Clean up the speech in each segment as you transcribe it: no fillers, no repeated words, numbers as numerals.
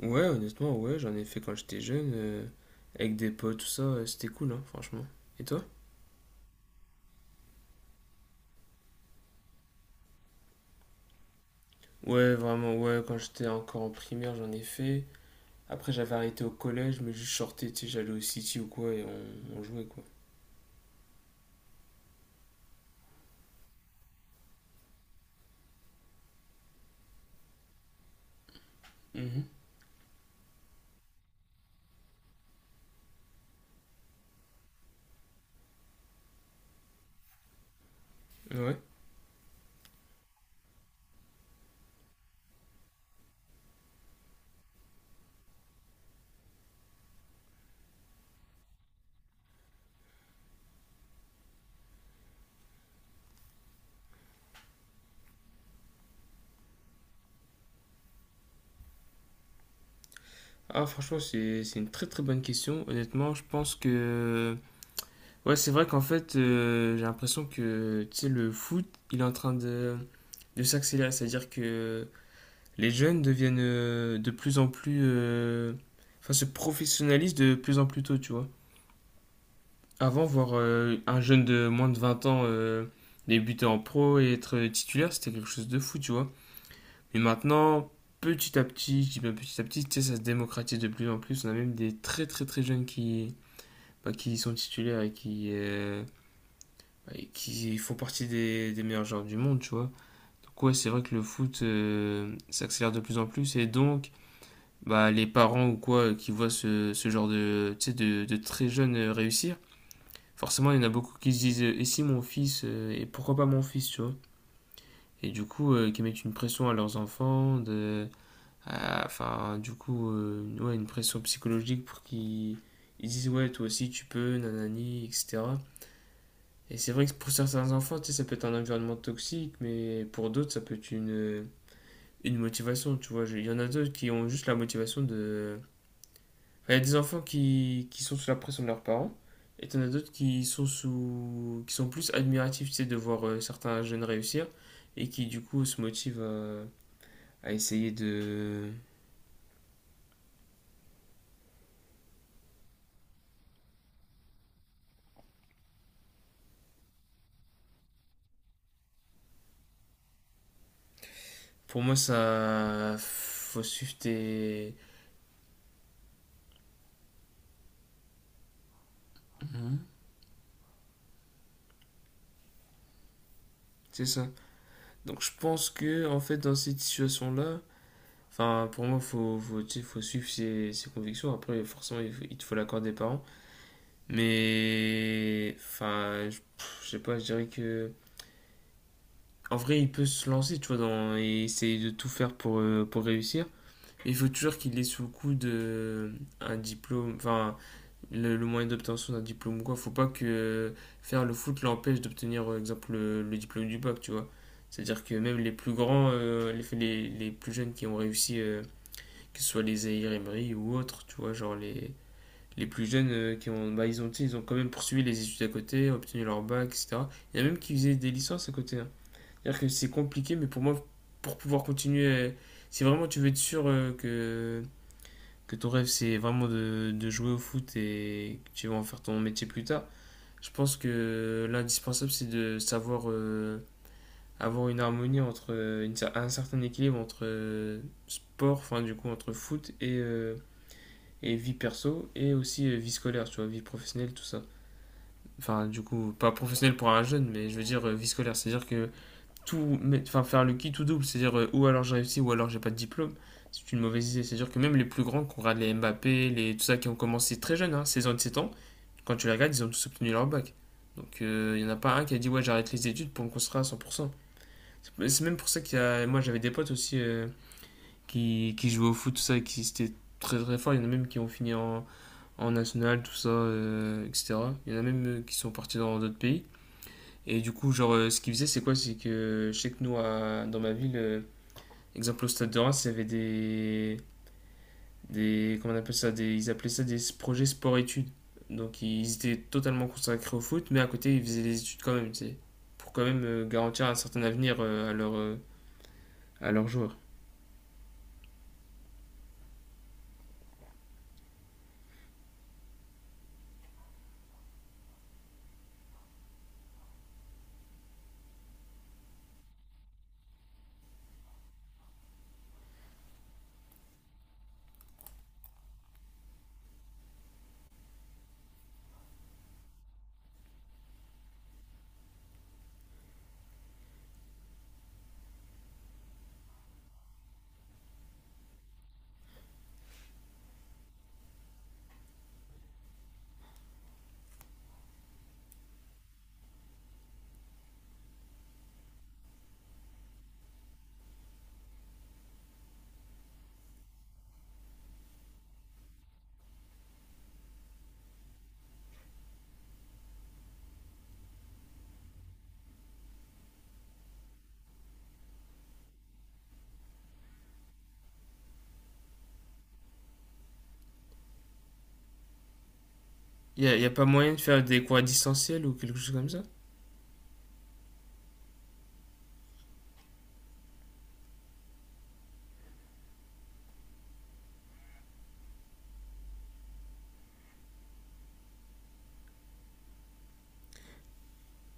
Ouais, honnêtement, ouais, j'en ai fait quand j'étais jeune, avec des potes, tout ça, c'était cool, hein, franchement. Et toi? Ouais, vraiment, ouais, quand j'étais encore en primaire, j'en ai fait. Après, j'avais arrêté au collège, mais juste sortais, tu sais, j'allais au City ou quoi, et on jouait, quoi. Mhm. Ouais. Ah, franchement, c'est une très très bonne question. Honnêtement, je pense que. Ouais, c'est vrai qu'en fait, j'ai l'impression que, tu sais, le foot, il est en train de s'accélérer. C'est-à-dire que les jeunes deviennent de plus en plus. Enfin, se professionnalisent de plus en plus tôt, tu vois. Avant, voir un jeune de moins de 20 ans débuter en pro et être titulaire, c'était quelque chose de fou, tu vois. Mais maintenant, petit à petit, je dis bien petit à petit, tu sais, ça se démocratise de plus en plus. On a même des très très très jeunes qui, bah, qui sont titulaires et qui, bah, et qui font partie des meilleurs joueurs du monde, tu vois. Donc, ouais, c'est vrai que le foot s'accélère de plus en plus et donc. Bah, les parents ou quoi qui voient ce genre de, tu sais, de très jeunes réussir, forcément, il y en a beaucoup qui se disent Et pourquoi pas mon fils, tu vois. Et du coup, qui mettent une pression à leurs enfants, enfin, du coup, ouais, une pression psychologique pour qu'ils ils disent Ouais, toi aussi, tu peux, nanani, etc. Et c'est vrai que pour certains enfants, tu sais, ça peut être un environnement toxique, mais pour d'autres, ça peut être une motivation, tu vois. Il y en a d'autres qui ont juste la motivation de. Il y a des enfants qui sont sous la pression de leurs parents, et t'en as d'autres qui sont plus admiratifs, tu sais, de voir certains jeunes réussir, et qui du coup se motivent à essayer de. Pour moi, ça, faut suivre tes, c'est ça. Donc je pense que en fait dans cette situation-là, enfin pour moi faut tu sais, faut suivre ses convictions. Après forcément il te faut l'accord des parents, mais enfin je pff, je sais pas, je dirais que. En vrai, il peut se lancer, tu vois, et essayer de tout faire pour réussir. Il faut toujours qu'il ait sous le coup de un diplôme, enfin, le moyen d'obtention d'un diplôme ou quoi. Faut pas que faire le foot l'empêche d'obtenir, par exemple, le diplôme du bac, tu vois. C'est-à-dire que même les plus grands, les plus jeunes qui ont réussi, que ce soit les Zahir Emery ou autres, tu vois, genre les plus jeunes qui ont, bah, ils ont quand même poursuivi les études à côté, obtenu leur bac, etc. Il y en a même qui faisaient des licences à côté, hein. C'est-à-dire que c'est compliqué, mais pour moi, pour pouvoir continuer, si vraiment tu veux être sûr que ton rêve c'est vraiment de jouer au foot et que tu vas en faire ton métier plus tard, je pense que l'indispensable c'est de savoir avoir une harmonie entre un certain équilibre entre sport, enfin du coup entre foot et vie perso et aussi vie scolaire, tu vois, vie professionnelle, tout ça. Enfin, du coup, pas professionnelle pour un jeune, mais je veux dire vie scolaire, c'est-à-dire que tout, enfin, faire le qui tout double, c'est-à-dire ou alors j'ai réussi ou alors j'ai pas de diplôme, c'est une mauvaise idée. C'est-à-dire que même les plus grands, qu'on regarde les Mbappé, les, tout ça, qui ont commencé très jeunes, hein, 16 ans, 17 ans, quand tu les regardes, ils ont tous obtenu leur bac. Donc il y en a pas un qui a dit ouais j'arrête les études pour me construire à 100%. C'est même pour ça qu'il y a, moi j'avais des potes aussi qui jouaient au foot, tout ça, et qui étaient très très forts. Il y en a même qui ont fini en national, tout ça, etc. Il y en a même qui sont partis dans d'autres pays. Et du coup, genre, ce qu'ils faisaient, c'est quoi? C'est que je sais que nous, dans ma ville, exemple, au Stade de Reims, il y avait des comment on appelle ça, ils appelaient ça des projets sport-études. Donc ils étaient totalement consacrés au foot, mais à côté ils faisaient des études quand même, tu sais, pour quand même garantir un certain avenir à leurs joueurs. Y a pas moyen de faire des cours à distanciel ou quelque chose comme ça.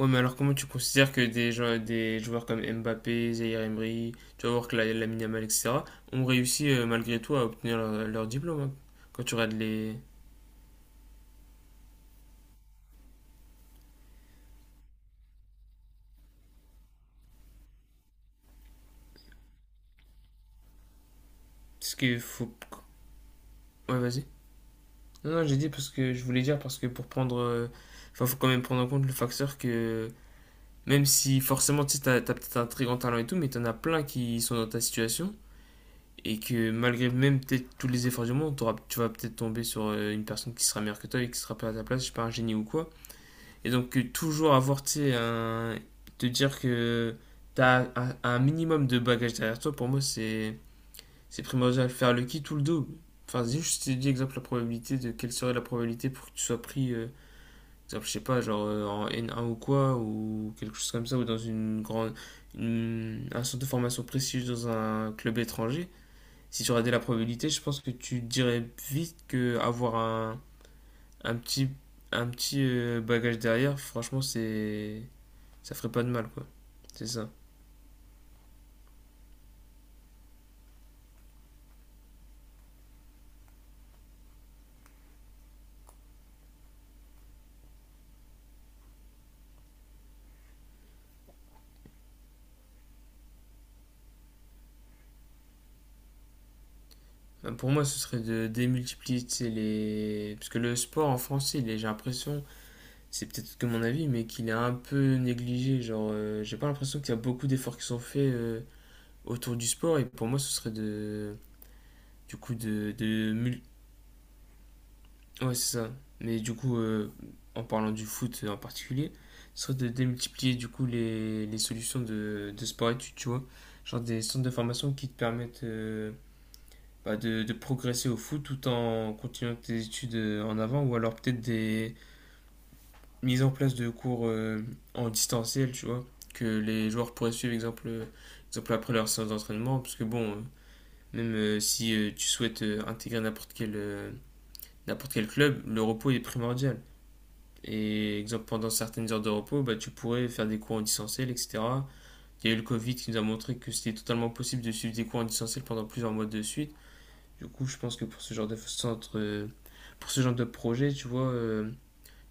Ouais, mais alors comment tu considères que des joueurs comme Mbappé, Zaire Emery, tu vas voir que la Minamal, etc., ont réussi malgré tout à obtenir leur diplôme, hein, quand tu regardes les. Parce qu'il faut. Ouais, vas-y. Non, non, j'ai dit parce que je voulais dire parce que pour prendre. Enfin, faut quand même prendre en compte le facteur que. Même si forcément, tu sais, t'as peut-être un très grand talent et tout, mais t'en as plein qui sont dans ta situation. Et que malgré même peut-être tous les efforts du monde, tu vas peut-être tomber sur une personne qui sera meilleure que toi et qui sera pas à ta place, je sais pas, un génie ou quoi. Et donc, toujours avoir, tu sais, un. Te dire que t'as un minimum de bagages derrière toi, pour moi, c'est primordial. Faire le qui tout le dos. Enfin, juste, je t'ai dit exemple la probabilité de quelle serait la probabilité pour que tu sois pris. Exemple, je sais pas, en N1 ou quoi, ou quelque chose comme ça, ou dans un centre de formation prestigieux dans un club étranger, si tu regardais la probabilité, je pense que tu dirais vite que avoir un petit, un petit bagage derrière, franchement, ça ferait pas de mal, quoi. C'est ça. Ben, pour moi, ce serait de démultiplier, tu sais, les. Parce que le sport en français, j'ai l'impression, c'est peut-être que mon avis, mais qu'il est un peu négligé. Genre, j'ai pas l'impression qu'il y a beaucoup d'efforts qui sont faits. Autour du sport et pour moi ce serait de du coup ouais c'est ça, mais du coup en parlant du foot en particulier ce serait de démultiplier du coup les solutions de sport études, tu vois, genre des centres de formation qui te permettent bah, de progresser au foot tout en continuant tes études en avant ou alors peut-être des mises en place de cours en distanciel, tu vois, que les joueurs pourraient suivre exemple après leur séance d'entraînement parce que bon même si tu souhaites intégrer n'importe quel club, le repos est primordial. Et exemple, pendant certaines heures de repos, bah, tu pourrais faire des cours en distanciel, etc. Il y a eu le Covid qui nous a montré que c'était totalement possible de suivre des cours en distanciel pendant plusieurs mois de suite. Du coup, je pense que pour ce genre de centre, pour ce genre de projet, tu vois,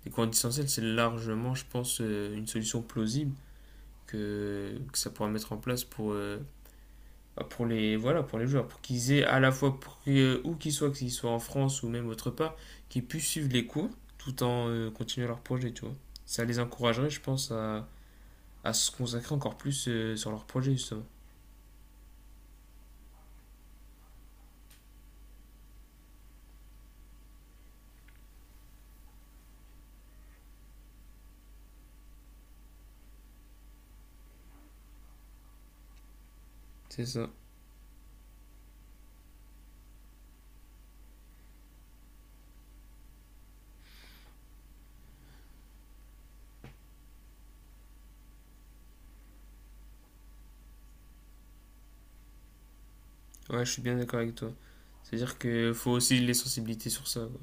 les cours en distanciel, c'est largement, je pense, une solution plausible que ça pourra mettre en place bah, pour les voilà pour les joueurs pour qu'ils aient à la fois où qu'ils soient en France ou même autre part qu'ils puissent suivre les cours tout en continuant leur projet, tu vois, ça les encouragerait je pense à se consacrer encore plus sur leur projet justement. C'est ça. Ouais, je suis bien d'accord avec toi. C'est à dire que faut aussi les sensibiliser sur ça, quoi.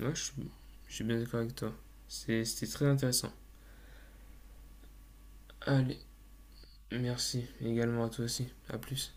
ouais je suis, je suis bien d'accord avec toi. C'était très intéressant. Allez, merci également à toi, aussi à plus.